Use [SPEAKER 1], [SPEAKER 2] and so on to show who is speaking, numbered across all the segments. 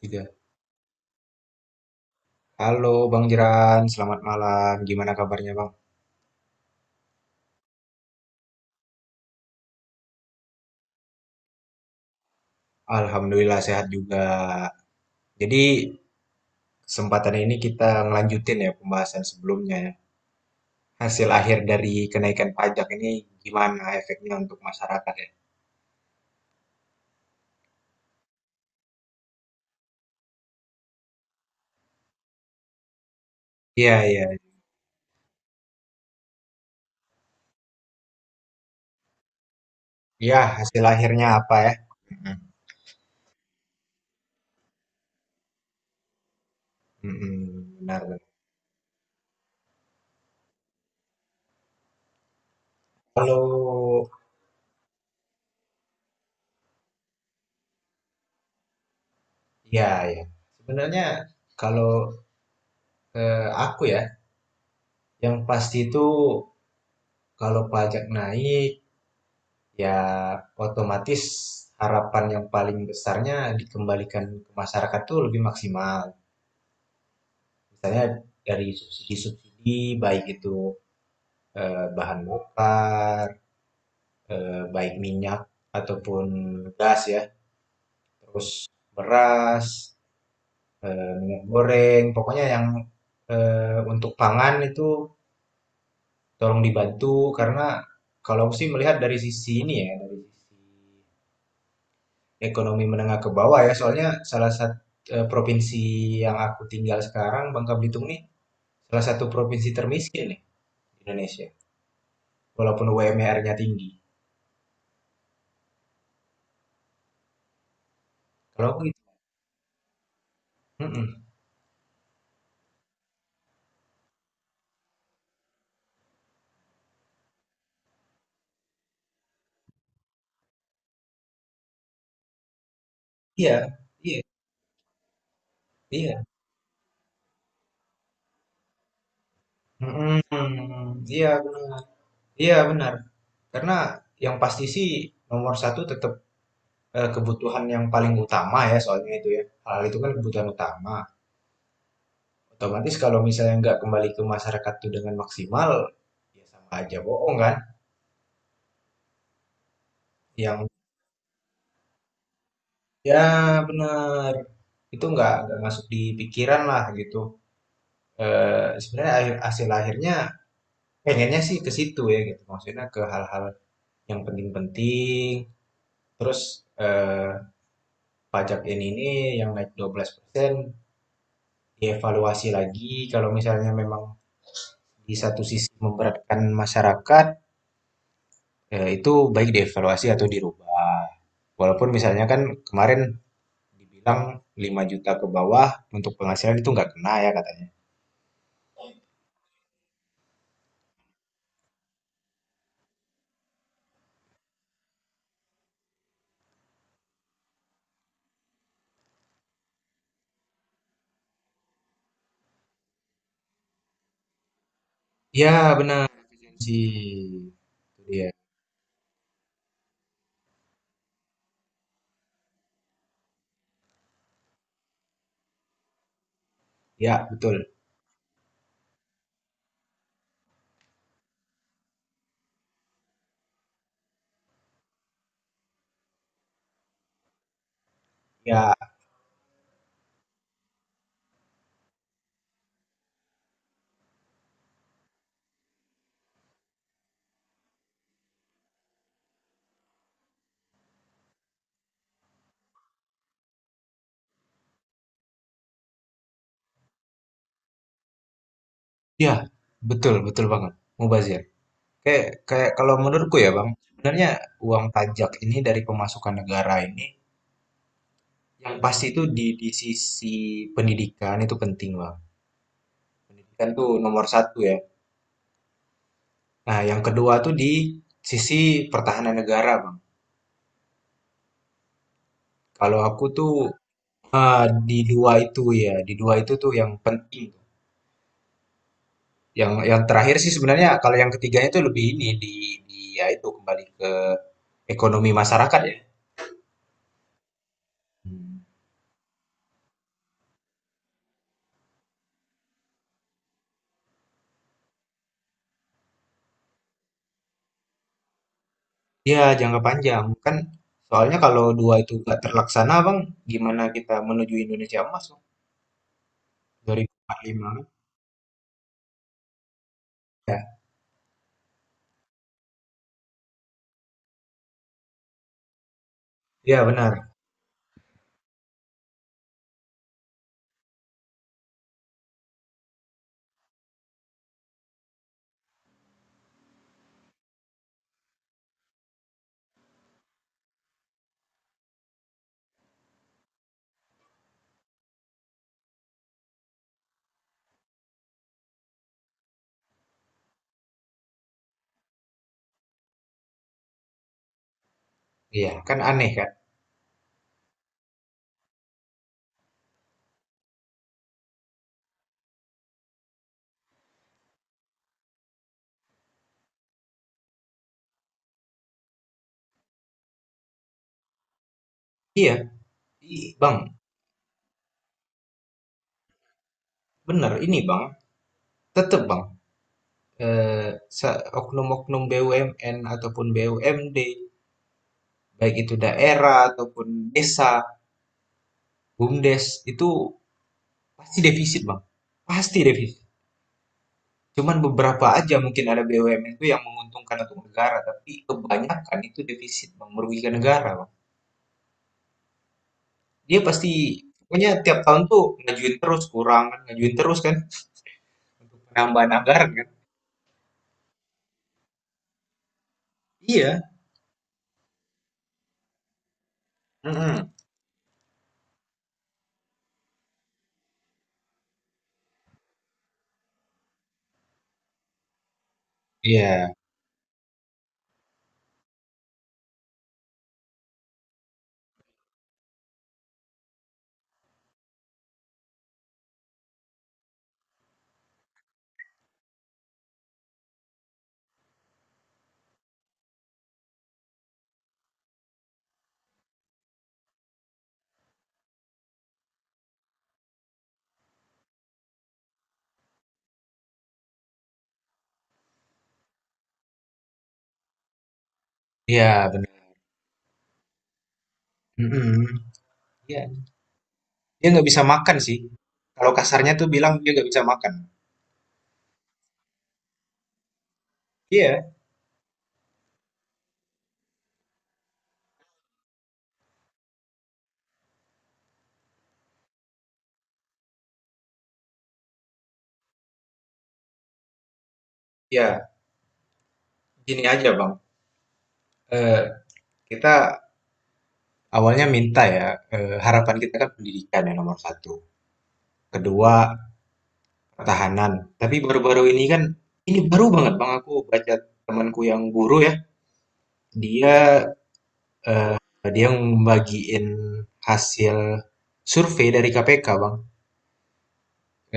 [SPEAKER 1] Tiga. Halo Bang Jeran, selamat malam. Gimana kabarnya Bang? Alhamdulillah sehat juga. Jadi kesempatan ini kita ngelanjutin ya pembahasan sebelumnya ya. Hasil akhir dari kenaikan pajak ini gimana efeknya untuk masyarakat ya? Iya, iya. Iya, hasil akhirnya apa ya? Mm-mm. Mm-mm, benar, benar. Kalau Ya, ya. Sebenarnya kalau aku ya, yang pasti itu kalau pajak naik, ya, otomatis harapan yang paling besarnya dikembalikan ke masyarakat tuh lebih maksimal. Misalnya dari subsidi-subsidi, baik itu bahan bakar, baik minyak ataupun gas ya, terus beras, minyak goreng, pokoknya yang untuk pangan itu tolong dibantu karena kalau aku sih melihat dari sisi ini ya, dari sisi ekonomi menengah ke bawah ya, soalnya salah satu provinsi yang aku tinggal sekarang, Bangka Belitung nih, salah satu provinsi termiskin nih di Indonesia, walaupun UMR-nya tinggi. Kalau aku gitu, mm-mm. Iya, iya, iya, mm-mm. Iya, benar. Iya benar. Karena yang pasti sih nomor satu tetap kebutuhan yang paling utama ya, soalnya itu ya, hal itu kan kebutuhan utama. Otomatis kalau misalnya nggak kembali ke masyarakat itu dengan maksimal, ya sama aja bohong kan? Yang Ya, benar. Itu nggak masuk di pikiran lah gitu. Sebenarnya hasil akhirnya pengennya sih ke situ ya gitu. Maksudnya ke hal-hal yang penting-penting. Terus eh, pajak ini yang naik 12% dievaluasi lagi. Kalau misalnya memang di satu sisi memberatkan masyarakat, itu baik dievaluasi atau dirubah. Walaupun misalnya kan kemarin dibilang 5 juta ke bawah untuk penghasilan itu nggak kena ya katanya. Ya, benar. Ji, itu dia. Ya, betul. Ya, ya, betul, betul banget. Mubazir. Kayak, kalau menurutku ya, Bang, sebenarnya uang pajak ini dari pemasukan negara ini yang pasti itu di sisi pendidikan itu penting, Bang. Pendidikan tuh nomor satu ya. Nah, yang kedua tuh di sisi pertahanan negara, Bang. Kalau aku tuh ah, di dua itu ya, di dua itu tuh yang penting. Yang terakhir sih sebenarnya kalau yang ketiganya itu lebih ini di ya itu kembali ke ekonomi masyarakat ya? Hmm. Iya, jangka panjang. Kan soalnya kalau dua itu nggak terlaksana, Bang, gimana kita menuju Indonesia Emas, Bang? 2045. Ya, iya benar. Iya, kan aneh kan? Iya, Bang, benar. Ini, Bang, tetap, Bang, eh, oknum-oknum BUMN ataupun BUMD, baik itu daerah ataupun desa, BUMDes, itu pasti defisit, Bang. Pasti defisit. Cuman beberapa aja mungkin ada BUMN itu yang menguntungkan untuk negara, tapi kebanyakan itu defisit, Bang, merugikan negara, Bang. Dia pasti pokoknya tiap tahun tuh ngajuin terus kurang kan, ngajuin terus kan untuk penambahan anggaran kan. Iya. Mm-mm. Iya, iya benar. Mm-mm. Iya, dia nggak bisa makan sih. Kalau kasarnya tuh bilang dia nggak bisa makan. Iya, iya. Gini aja, Bang. Eh, kita awalnya minta ya, harapan kita kan pendidikan yang nomor satu. Kedua, pertahanan. Tapi baru-baru ini kan, ini baru banget Bang aku baca temanku yang guru ya. Dia dia membagiin hasil survei dari KPK Bang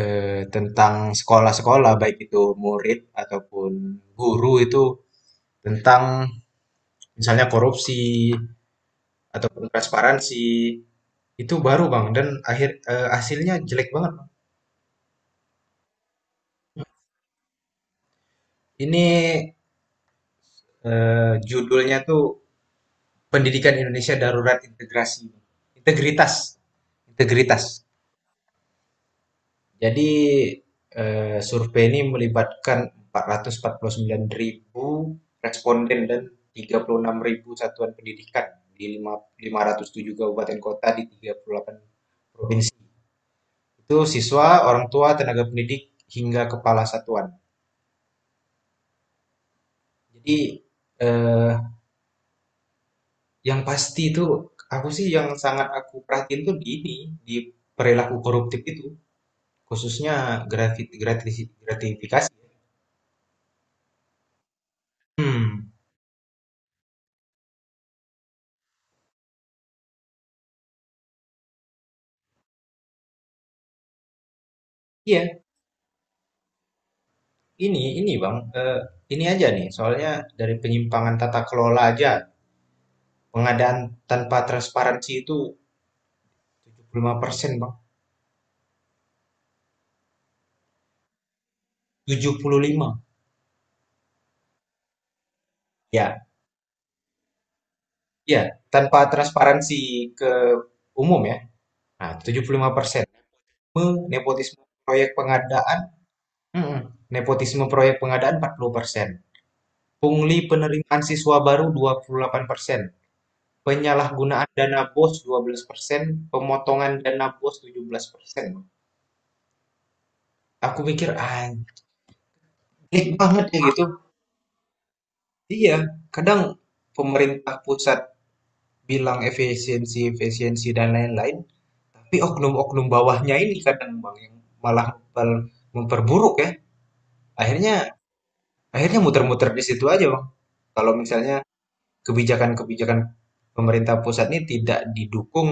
[SPEAKER 1] tentang sekolah-sekolah baik itu murid ataupun guru itu tentang misalnya korupsi ataupun transparansi itu baru Bang dan hasilnya jelek banget, Bang. Ini judulnya tuh Pendidikan Indonesia Darurat Integritas Integritas. Jadi, survei ini melibatkan 449.000 responden dan 36.000 satuan pendidikan di 507 kabupaten kota di 38 provinsi. Itu siswa, orang tua, tenaga pendidik, hingga kepala satuan. Jadi, eee, yang pasti itu aku sih yang sangat aku perhatiin tuh di ini, di perilaku koruptif itu. Khususnya grafit gratisi gratifikasi. Mmm, iya, ini Bang, ini aja nih, soalnya dari penyimpangan tata kelola aja pengadaan tanpa transparansi itu 75% Bang, 75, ya ya, tanpa transparansi ke umum ya. Nah, 75%, nepotisme proyek pengadaan mhm, nepotisme proyek pengadaan 40%, pungli penerimaan siswa baru 28%. Penyalahgunaan dana bos 12% pemotongan dana bos tujuh belas persen. Aku mikir, anjir banget ya gitu. Iya, kadang pemerintah pusat bilang efisiensi, efisiensi dan lain-lain, tapi oknum-oknum bawahnya ini kadang bang yang malah memperburuk ya. Akhirnya, muter-muter di situ aja bang. Kalau misalnya kebijakan-kebijakan pemerintah pusat ini tidak didukung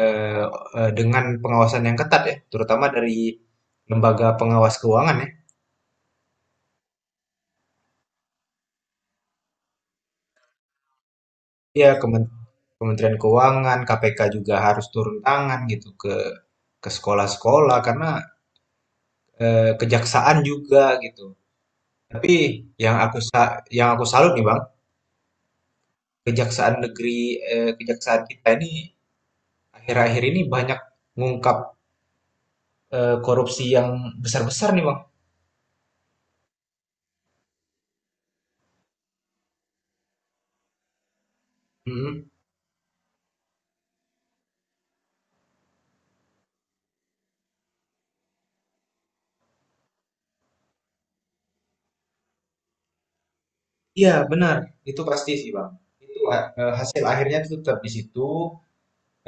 [SPEAKER 1] eh, dengan pengawasan yang ketat ya, terutama dari lembaga pengawas keuangan ya. Ya, Kementerian Keuangan, KPK juga harus turun tangan gitu ke sekolah-sekolah karena kejaksaan juga gitu. Tapi yang yang aku salut nih Bang, kejaksaan negeri, kejaksaan kita ini akhir-akhir ini banyak mengungkap korupsi yang besar-besar nih Bang. Mm-mm. Iya, benar. Itu pasti sih Bang. Itu hasil akhirnya tuh tetap di situ,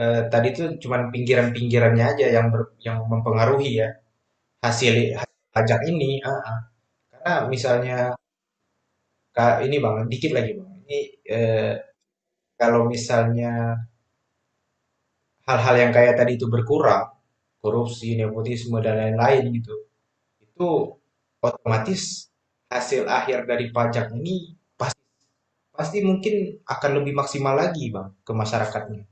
[SPEAKER 1] tadi itu cuman pinggiran-pinggirannya aja yang yang mempengaruhi ya hasil hasil pajak ini. Ah, karena misalnya ini bang, dikit lagi bang. Ini eh, kalau misalnya hal-hal yang kayak tadi itu berkurang, korupsi, nepotisme dan lain-lain gitu, itu otomatis hasil akhir dari pajak ini pasti mungkin akan lebih maksimal lagi bang ke masyarakatnya.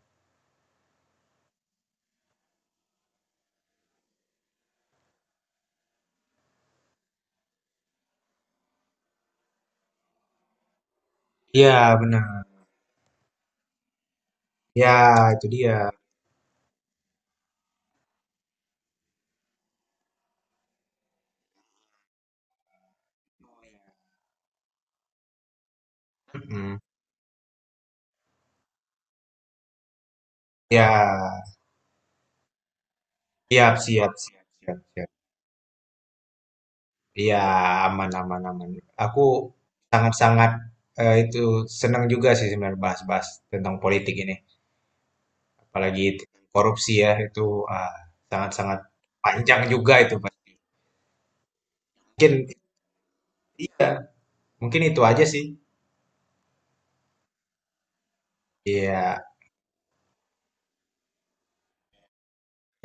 [SPEAKER 1] Ya benar. Ya itu dia. Mm-mm. Ya siap siap siap siap siap. Iya, aman aman aman. Aku sangat-sangat itu senang juga sih sebenarnya bahas-bahas tentang politik ini, apalagi tentang korupsi ya itu ah, sangat-sangat panjang juga itu pasti. Mungkin mungkin itu aja sih. Iya,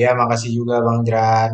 [SPEAKER 1] ya makasih juga Bang Jeran.